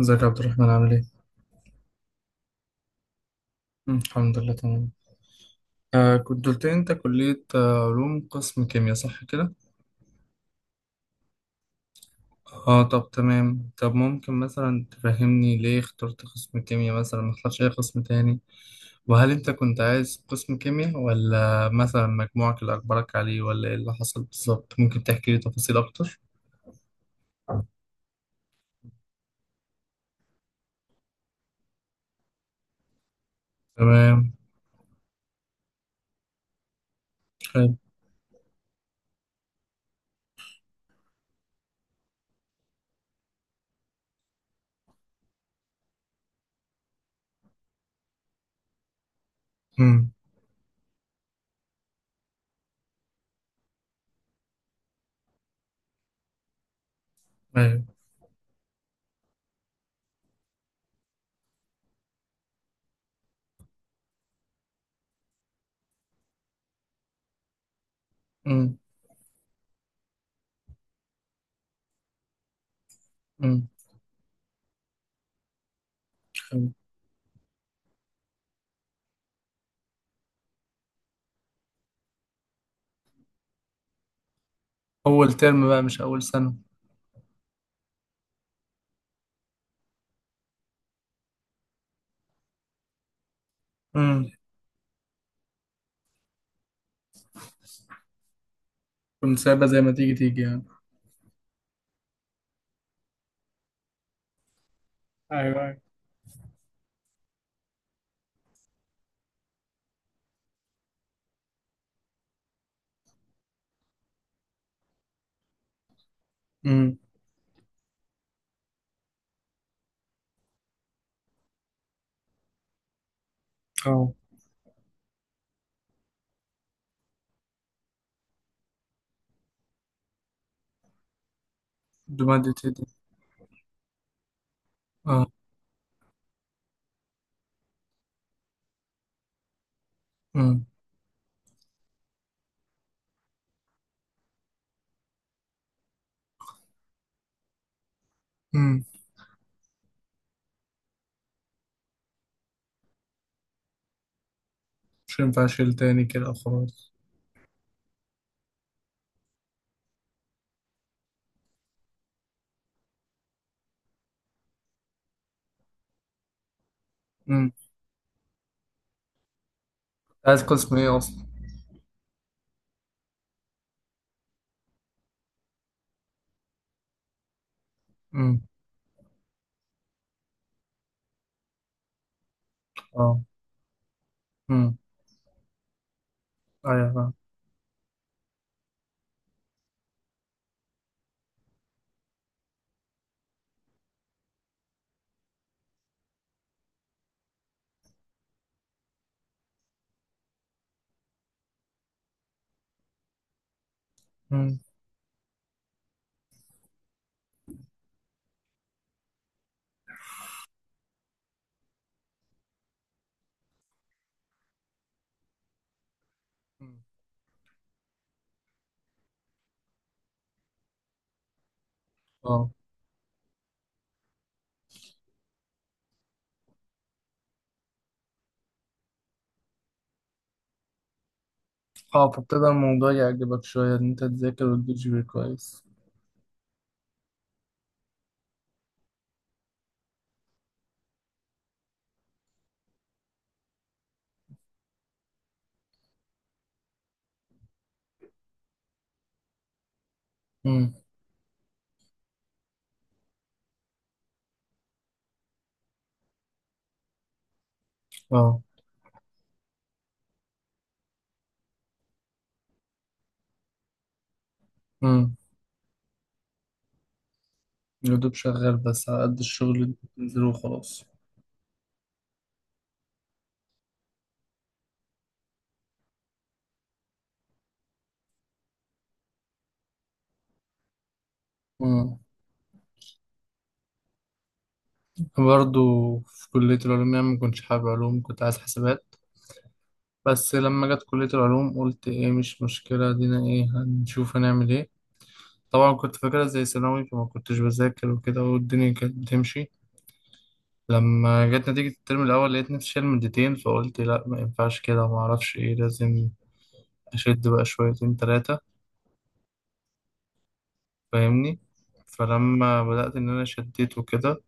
ازيك يا عبد الرحمن، عامل ايه؟ الحمد لله تمام. آه، كنت قلت لي انت كلية علوم، قسم كيمياء، صح كده؟ اه، طب تمام. طب ممكن مثلا تفهمني ليه اخترت قسم كيمياء مثلا، ما اخترتش اي قسم تاني؟ وهل انت كنت عايز قسم كيمياء، ولا مثلا مجموعك اللي اجبرك عليه، ولا ايه اللي حصل بالظبط؟ ممكن تحكي لي تفاصيل اكتر؟ تمام. حلو. امم. ايوه. امم. امم. حلو. اول ترم بقى، مش اول سنة. امم. كنت سايبها زي ما تيجي تيجي يعني. ايوه، ايوه. امم. اه. بمادة ايه دي؟ اه. امم. امم. مش هينفع اشيل تاني كده، خلاص. امم. عايز قسم ايه اصلا؟ امم. اه. امم. ايوه، فاهم. امم. أمم. اه. اه، فابتدى الموضوع يعجبك شوية، ان انت تذاكر وتجيب جي بي إيه كويس. امم. اه. امم. يا دوب شغال، بس على قد الشغل اللي بتنزله وخلاص. امم. برضه في كلية العلوم، يعني ما كنتش حابب علوم، كنت عايز حسابات. بس لما جت كلية العلوم، قلت ايه، مش مشكلة، دينا ايه، هنشوف هنعمل ايه. طبعا كنت فاكرها زي ثانوي، فما كنتش بذاكر وكده، والدنيا كانت بتمشي. لما جت نتيجة الترم الأول، لقيت نفسي شايل مادتين، فقلت لا، ما ينفعش كده، ما أعرفش إيه، لازم أشد بقى شويتين تلاتة. فاهمني. فلما بدأت إن أنا شديت وكده،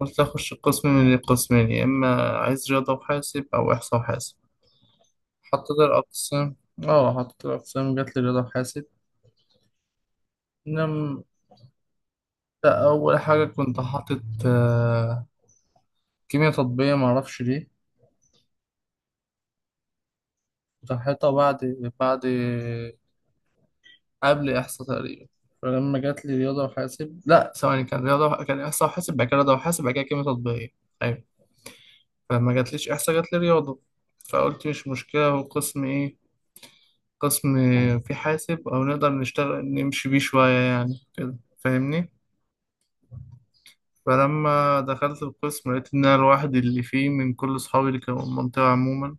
قلت أخش قسم من القسمين، يا إما عايز رياضة وحاسب أو إحصاء وحاسب. حطيت الأقسام. آه، حطيت الأقسام، جات لي رياضة وحاسب. لم... لا، أول حاجة كنت حاطط كيمياء تطبيقية، معرفش ليه. راحتها بعد بعد، قبل إحصاء تقريبا. فلما جات لي رياضة وحاسب، لا، ثواني، كان رياضة، كان إحصاء وحاسب بعد كده رياضة وحاسب بعد كده كيمياء تطبيقية. أيوة. فلما جاتليش إحصاء، جاتلي رياضة. فقلت مش مشكلة، هو قسم إيه؟ قسم في حاسب، أو نقدر نشتغل نمشي بيه شوية يعني كده، فاهمني. فلما دخلت القسم، لقيت إن أنا لوحدي اللي فيه من كل أصحابي اللي كانوا في المنطقة عموما.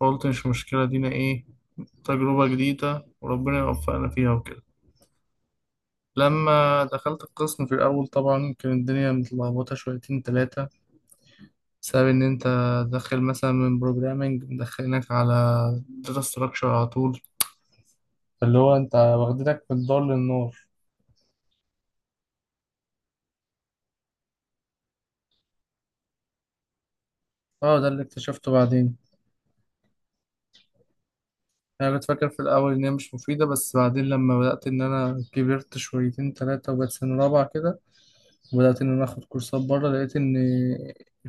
فقلت مش مشكلة، دينا إيه، تجربة جديدة وربنا يوفقنا فيها وكده. لما دخلت القسم في الأول، طبعا كانت الدنيا متلخبطة شويتين تلاتة، بسبب إن أنت داخل مثلا من بروجرامينج مدخلينك على داتا ستراكشر على طول، اللي هو أنت واخدينك من الدار للنار. اه، ده اللي اكتشفته بعدين. أنا كنت فاكر في الأول إن هي مش مفيدة، بس بعدين لما بدأت إن أنا كبرت شويتين تلاتة وبقت سنة رابعة كده، وبدأت إن أنا آخد كورسات بره، لقيت إن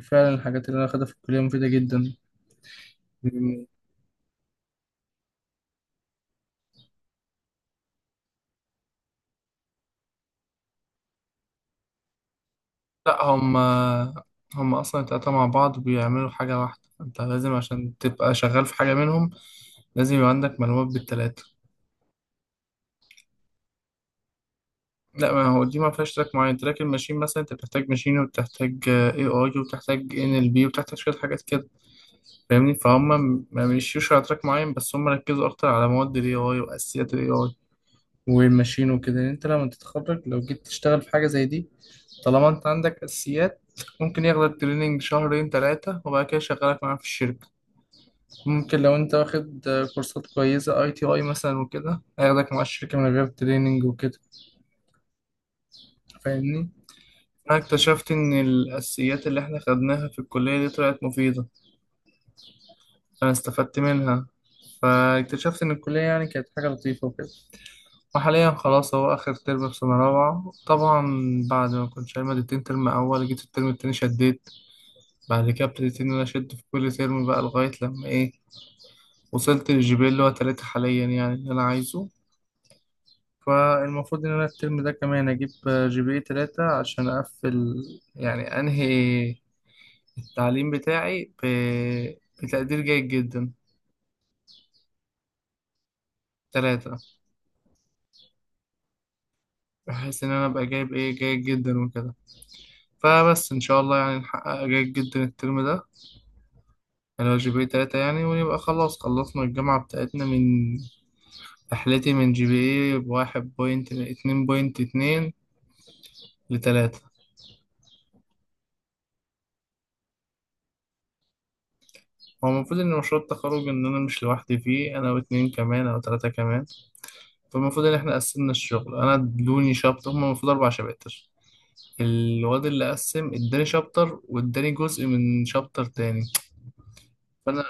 فعلا الحاجات اللي أنا آخدها في الكلية مفيدة جدا. لا، هم هم اصلا التلاتة مع بعض بيعملوا حاجة واحدة، انت لازم عشان تبقى شغال في حاجة منهم لازم يبقى عندك معلومات بالتلاتة. لا، ما هو دي ما فيهاش تراك معين، تراك الماشين مثلا انت بتحتاج ماشين وبتحتاج اي اي وبتحتاج ان ال بي وبتحتاج شوية حاجات كده، فاهمني، فهم. ما مشيوش على تراك معين، بس هم ركزوا اكتر على مواد الاي اي واساسيات الاي اي والماشين وكده. يعني انت لما تتخرج لو جيت تشتغل في حاجة زي دي، طالما انت عندك اساسيات، ممكن ياخدك تريننج شهرين ثلاثة وبعد كده يشغلك معاه في الشركة. ممكن لو انت واخد كورسات كويسة اي تي اي مثلا وكده، هياخدك مع الشركة من غير تريننج وكده، فاهمني. انا اكتشفت ان الاساسيات اللي احنا خدناها في الكلية دي طلعت مفيدة، انا استفدت منها. فاكتشفت ان الكلية يعني كانت حاجة لطيفة وكده. وحاليا خلاص، هو اخر ترم في سنة رابعة طبعا. بعد ما كنت شايل مادتين ترم اول، جيت الترم التاني شديت. بعد كده ابتديت ان انا اشد في كل ترم بقى، لغاية لما ايه، وصلت للجي بي إيه اللي هو 3 حاليا، يعني اللي انا عايزه. فالمفروض إن أنا الترم ده كمان أجيب جي بي اي 3، عشان أقفل، يعني أنهي التعليم بتاعي بتقدير جيد جدا. 3. بحيث إن أنا أبقى جايب إيه، جيد جدا وكده. فبس إن شاء الله يعني نحقق جيد جدا الترم ده، اللي هو جي بي اي 3 يعني، ونبقى خلاص خلصنا الجامعة بتاعتنا. من رحلتي من جي بي اي بواحد بوينت اتنين، .2 لتلاتة. هو المفروض إن مشروع التخرج، إن أنا مش لوحدي فيه، أنا واتنين كمان أو تلاتة كمان. فالمفروض ان احنا قسمنا الشغل، انا ادوني شابتر، هما المفروض 4 شباتر. الواد اللي قسم اداني شابتر واداني جزء من شابتر تاني. فانا.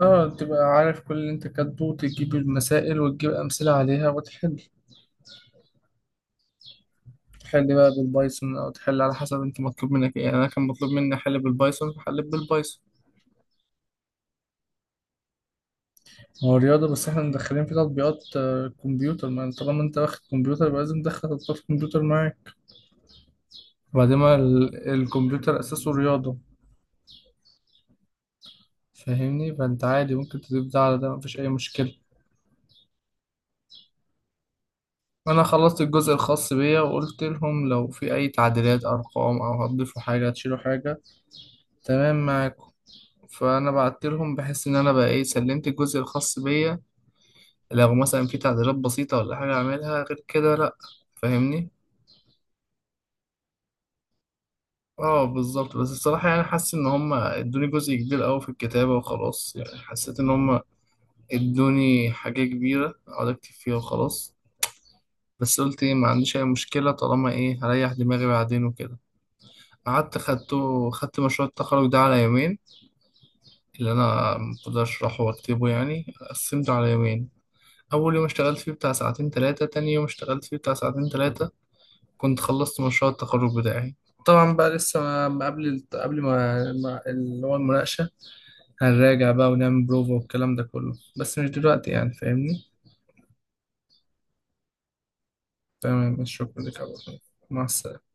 اه، تبقى عارف كل اللي انت كاتبه وتجيب المسائل وتجيب أمثلة عليها وتحل. تحل بقى بالبايثون، أو تحل على حسب انت مطلوب منك ايه، يعني أنا كان مطلوب مني أحل بالبايثون، فحليت بالبايثون. هو رياضة، بس احنا مدخلين في تطبيقات كمبيوتر، ما انت طالما انت واخد كمبيوتر، يبقى لازم تدخل تطبيقات كمبيوتر معاك. وبعدين ما ال- الكمبيوتر أساسه رياضة. فاهمني، فانت عادي ممكن تضيف ده على ده، مفيش اي مشكلة. انا خلصت الجزء الخاص بيا، وقلت لهم لو في اي تعديلات، ارقام او هتضيفوا حاجة هتشيلوا حاجة، تمام معاكم. فانا بعت لهم بحس ان انا بقى ايه، سلمت الجزء الخاص بيا. لو مثلا في تعديلات بسيطة ولا حاجة اعملها غير كده، لا، فاهمني. اه، بالظبط. بس الصراحة يعني حاسس ان هم ادوني جزء كبير اوي في الكتابة وخلاص، يعني حسيت ان هم ادوني حاجة كبيرة اقعد اكتب فيها وخلاص. بس قلت ايه، ما عنديش اي مشكله طالما ايه هريح دماغي بعدين وكده. قعدت خدته، خدت مشروع التخرج ده على يومين، اللي انا مقدرش اشرحه واكتبه يعني قسمته على يومين. اول يوم اشتغلت فيه بتاع ساعتين ثلاثه، تاني يوم اشتغلت فيه بتاع ساعتين ثلاثه، كنت خلصت مشروع التخرج بتاعي. طبعا بقى لسه ما قبل اللي هو المناقشه. هنراجع بقى ونعمل بروفا والكلام ده كله، بس مش دلوقتي يعني، فاهمني. تمام، شكرا لك يا عبد الرحمن. مع السلامه.